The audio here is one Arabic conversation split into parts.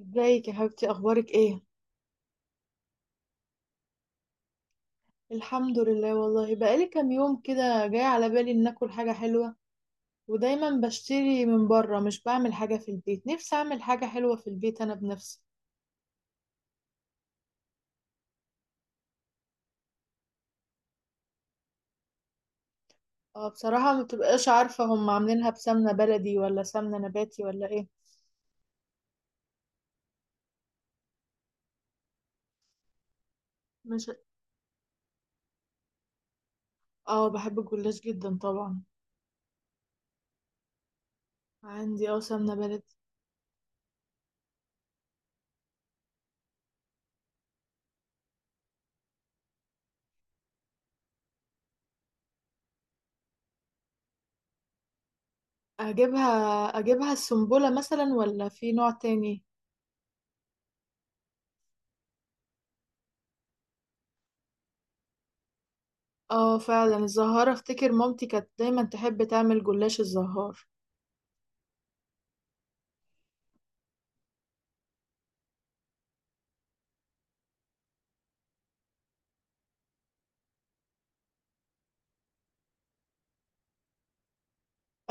ازيك يا حبيبتي؟ اخبارك ايه؟ الحمد لله، والله بقالي كام يوم كده جاي على بالي ان اكل حاجه حلوه، ودايما بشتري من بره، مش بعمل حاجه في البيت. نفسي اعمل حاجه حلوه في البيت انا بنفسي. اه، بصراحه ما بتبقاش عارفه هم عاملينها بسمنه بلدي ولا سمنه نباتي ولا ايه. مش اه، بحب الجلاش جدا طبعا. عندي سمنه بلدي. اجيبها اجيبها السنبله مثلا ولا في نوع تاني؟ اه، فعلا الزهارة، افتكر مامتي كانت دايما تحب تعمل جلاش الزهار.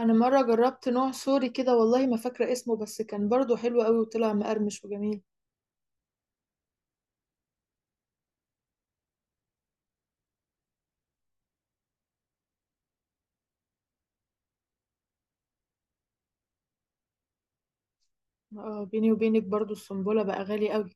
انا مره جربت نوع سوري كده، والله ما فاكره اسمه، بس كان برضو حلو قوي وطلع مقرمش وجميل. اه، بيني وبينك برضو السنبله بقى غالي قوي.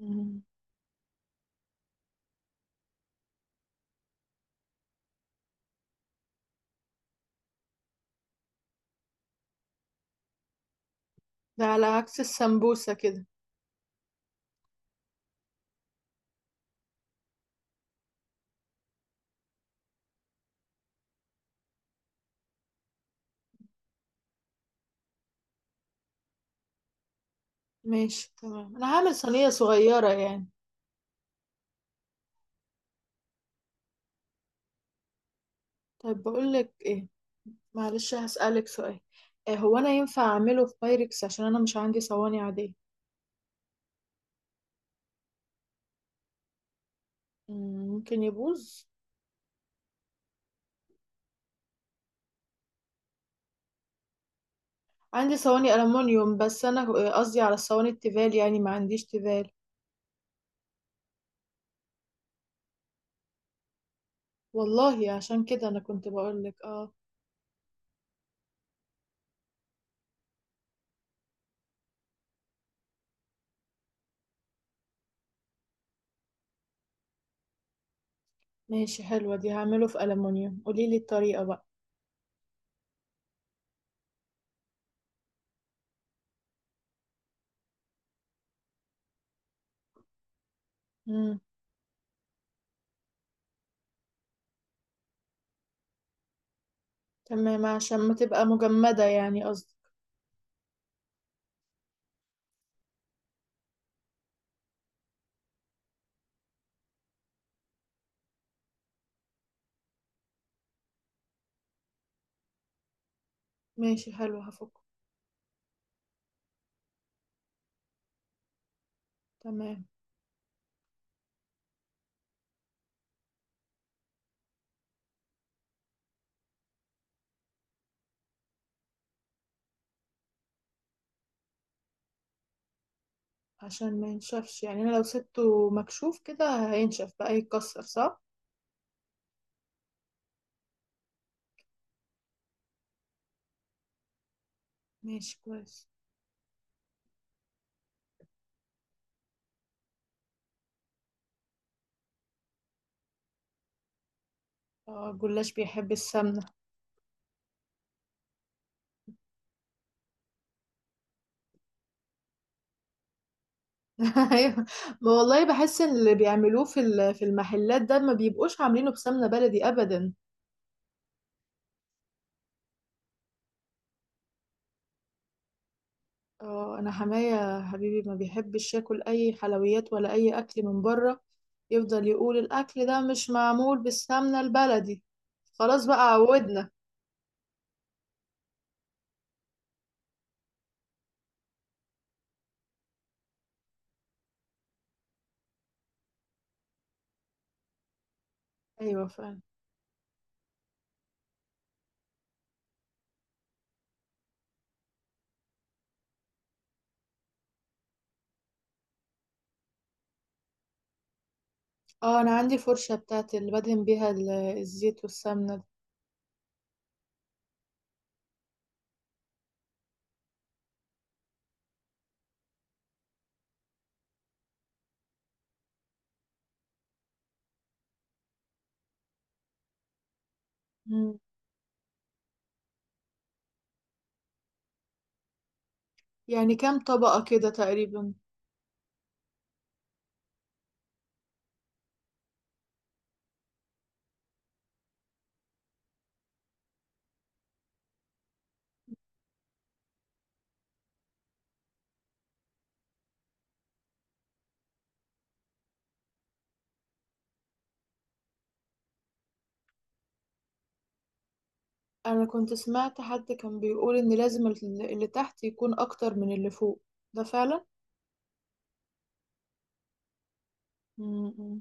مم. ده على عكس السمبوسه كده. ماشي تمام، انا هعمل صينيه صغيره يعني. طيب، بقول لك ايه؟ معلش، هسالك سؤال. إيه هو، انا ينفع اعمله في بايركس عشان انا مش عندي صواني عاديه؟ ممكن يبوظ. عندي صواني ألمونيوم، بس أنا قصدي على الصواني التيفال، يعني ما عنديش تيفال. والله عشان كده أنا كنت بقولك اه. ماشي، حلوة دي، هعمله في ألمونيوم. قوليلي الطريقة بقى. مم. تمام، عشان ما تبقى مجمدة يعني قصدي. ماشي حلو، هفكه. تمام، عشان ما ينشفش. يعني أنا لو سبته مكشوف كده هينشف بقى يتكسر صح؟ ماشي كويس. اه، الجلاش بيحب السمنة. أيوة. ما والله بحس ان اللي بيعملوه في المحلات ده ما بيبقوش عاملينه بسمنة بلدي أبدا. اه، انا حماية حبيبي ما بيحبش ياكل اي حلويات ولا اي اكل من بره، يفضل يقول الاكل ده مش معمول بالسمنة البلدي. خلاص بقى، عودنا. ايوه، فعلا. اه، انا عندي فرشة بتاعت اللي بدهن بيها الزيت والسمنة دي. مم. يعني كام طبقة كده تقريبا؟ انا كنت سمعت حد كان بيقول ان لازم اللي تحت يكون اكتر من اللي فوق، ده فعلا؟ مم.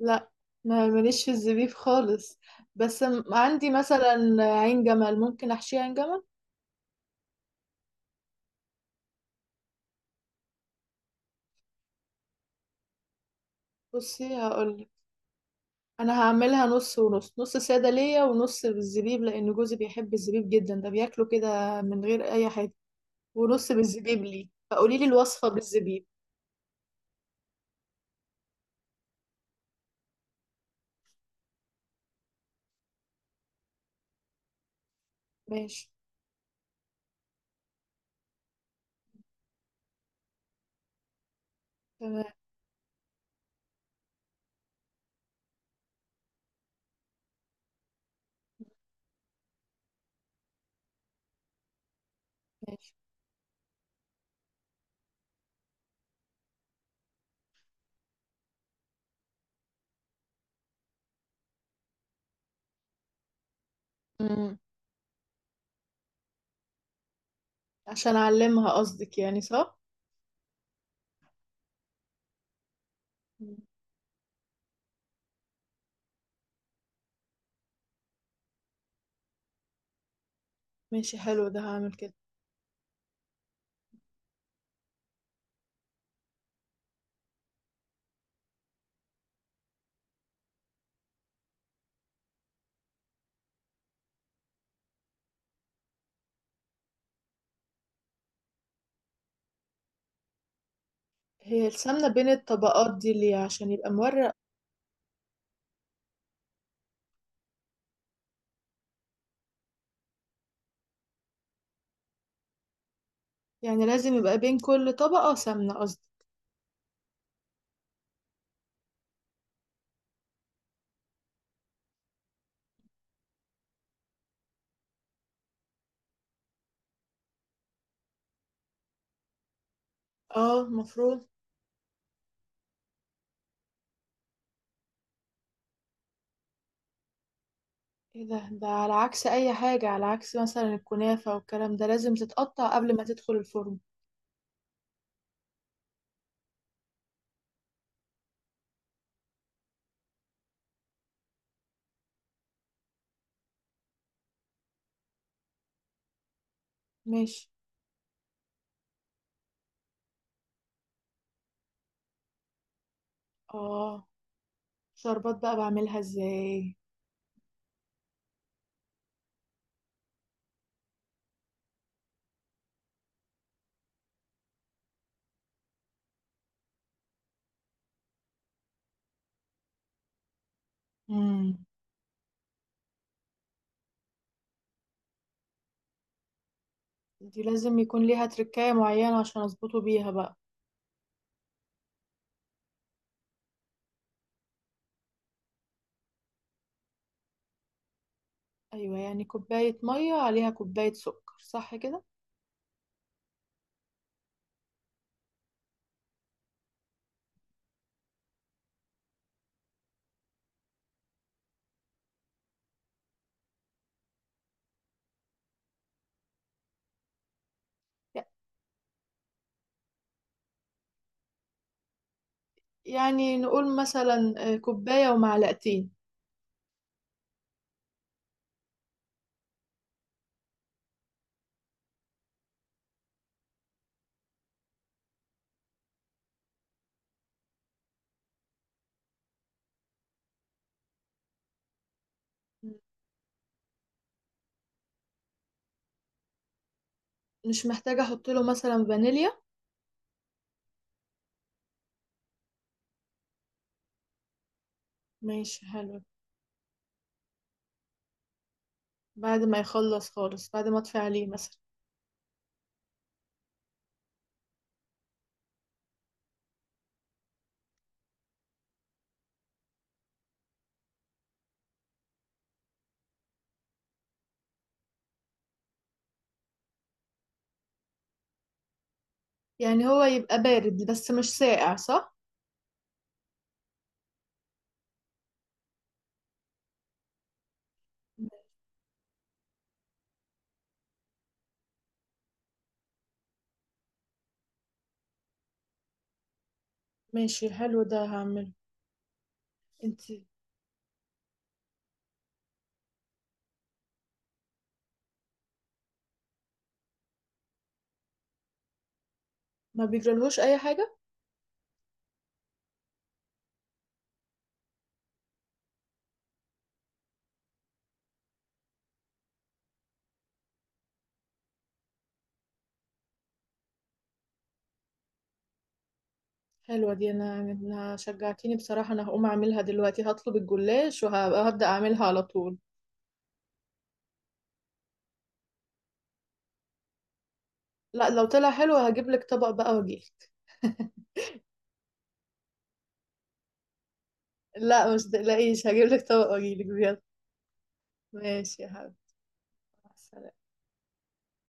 لا، ما ماليش في الزبيب خالص، بس عندي مثلا عين جمل، ممكن احشيها عين جمل. بصي هقولك، انا هعملها نص ونص، نص ساده ليا ونص بالزبيب لان جوزي بيحب الزبيب جدا، ده بياكله كده من غير اي حاجه، ونص بالزبيب ليه، فقولي لي الوصفه بالزبيب. ماشي تمام. ماشي. امم. عشان اعلمها قصدك يعني، صح. مم. ماشي حلو، ده هعمل كده. هي السمنه بين الطبقات دي ليه؟ عشان يبقى مورق؟ يعني لازم يبقى بين كل طبقه سمنه قصدي؟ اه، المفروض. ايه ده على عكس اي حاجة، على عكس مثلا الكنافة والكلام ده لازم تتقطع قبل ما تدخل الفرن. ماشي. اه، شربات بقى بعملها ازاي؟ امم. دي لازم يكون ليها تركاية معينة عشان اظبطه بيها بقى؟ ايوه، يعني كوباية مية عليها كوباية سكر صح كده؟ ي- يعني نقول مثلا كوباية ومعلقتين. مم. مش محتاجة احط له مثلا فانيليا؟ ماشي حلو. بعد ما يخلص خالص، بعد ما اطفي عليه مثلا؟ يعني هو يبقى بارد بس مش ساقع صح؟ ماشي حلو، ده هعمله. انت ما بيجرالهوش اي حاجه؟ حلوه دي، انا شجعتيني بصراحه، انا هقوم اعملها دلوقتي، هطلب الجلاش وهبدا اعملها على طول. لا، لو طلع حلو هجيب لك طبق بقى واجيلك. لا، مش تقلقيش، هجيب لك طبق واجيلك بجد. ماشي يا حبيبي، مع السلامة.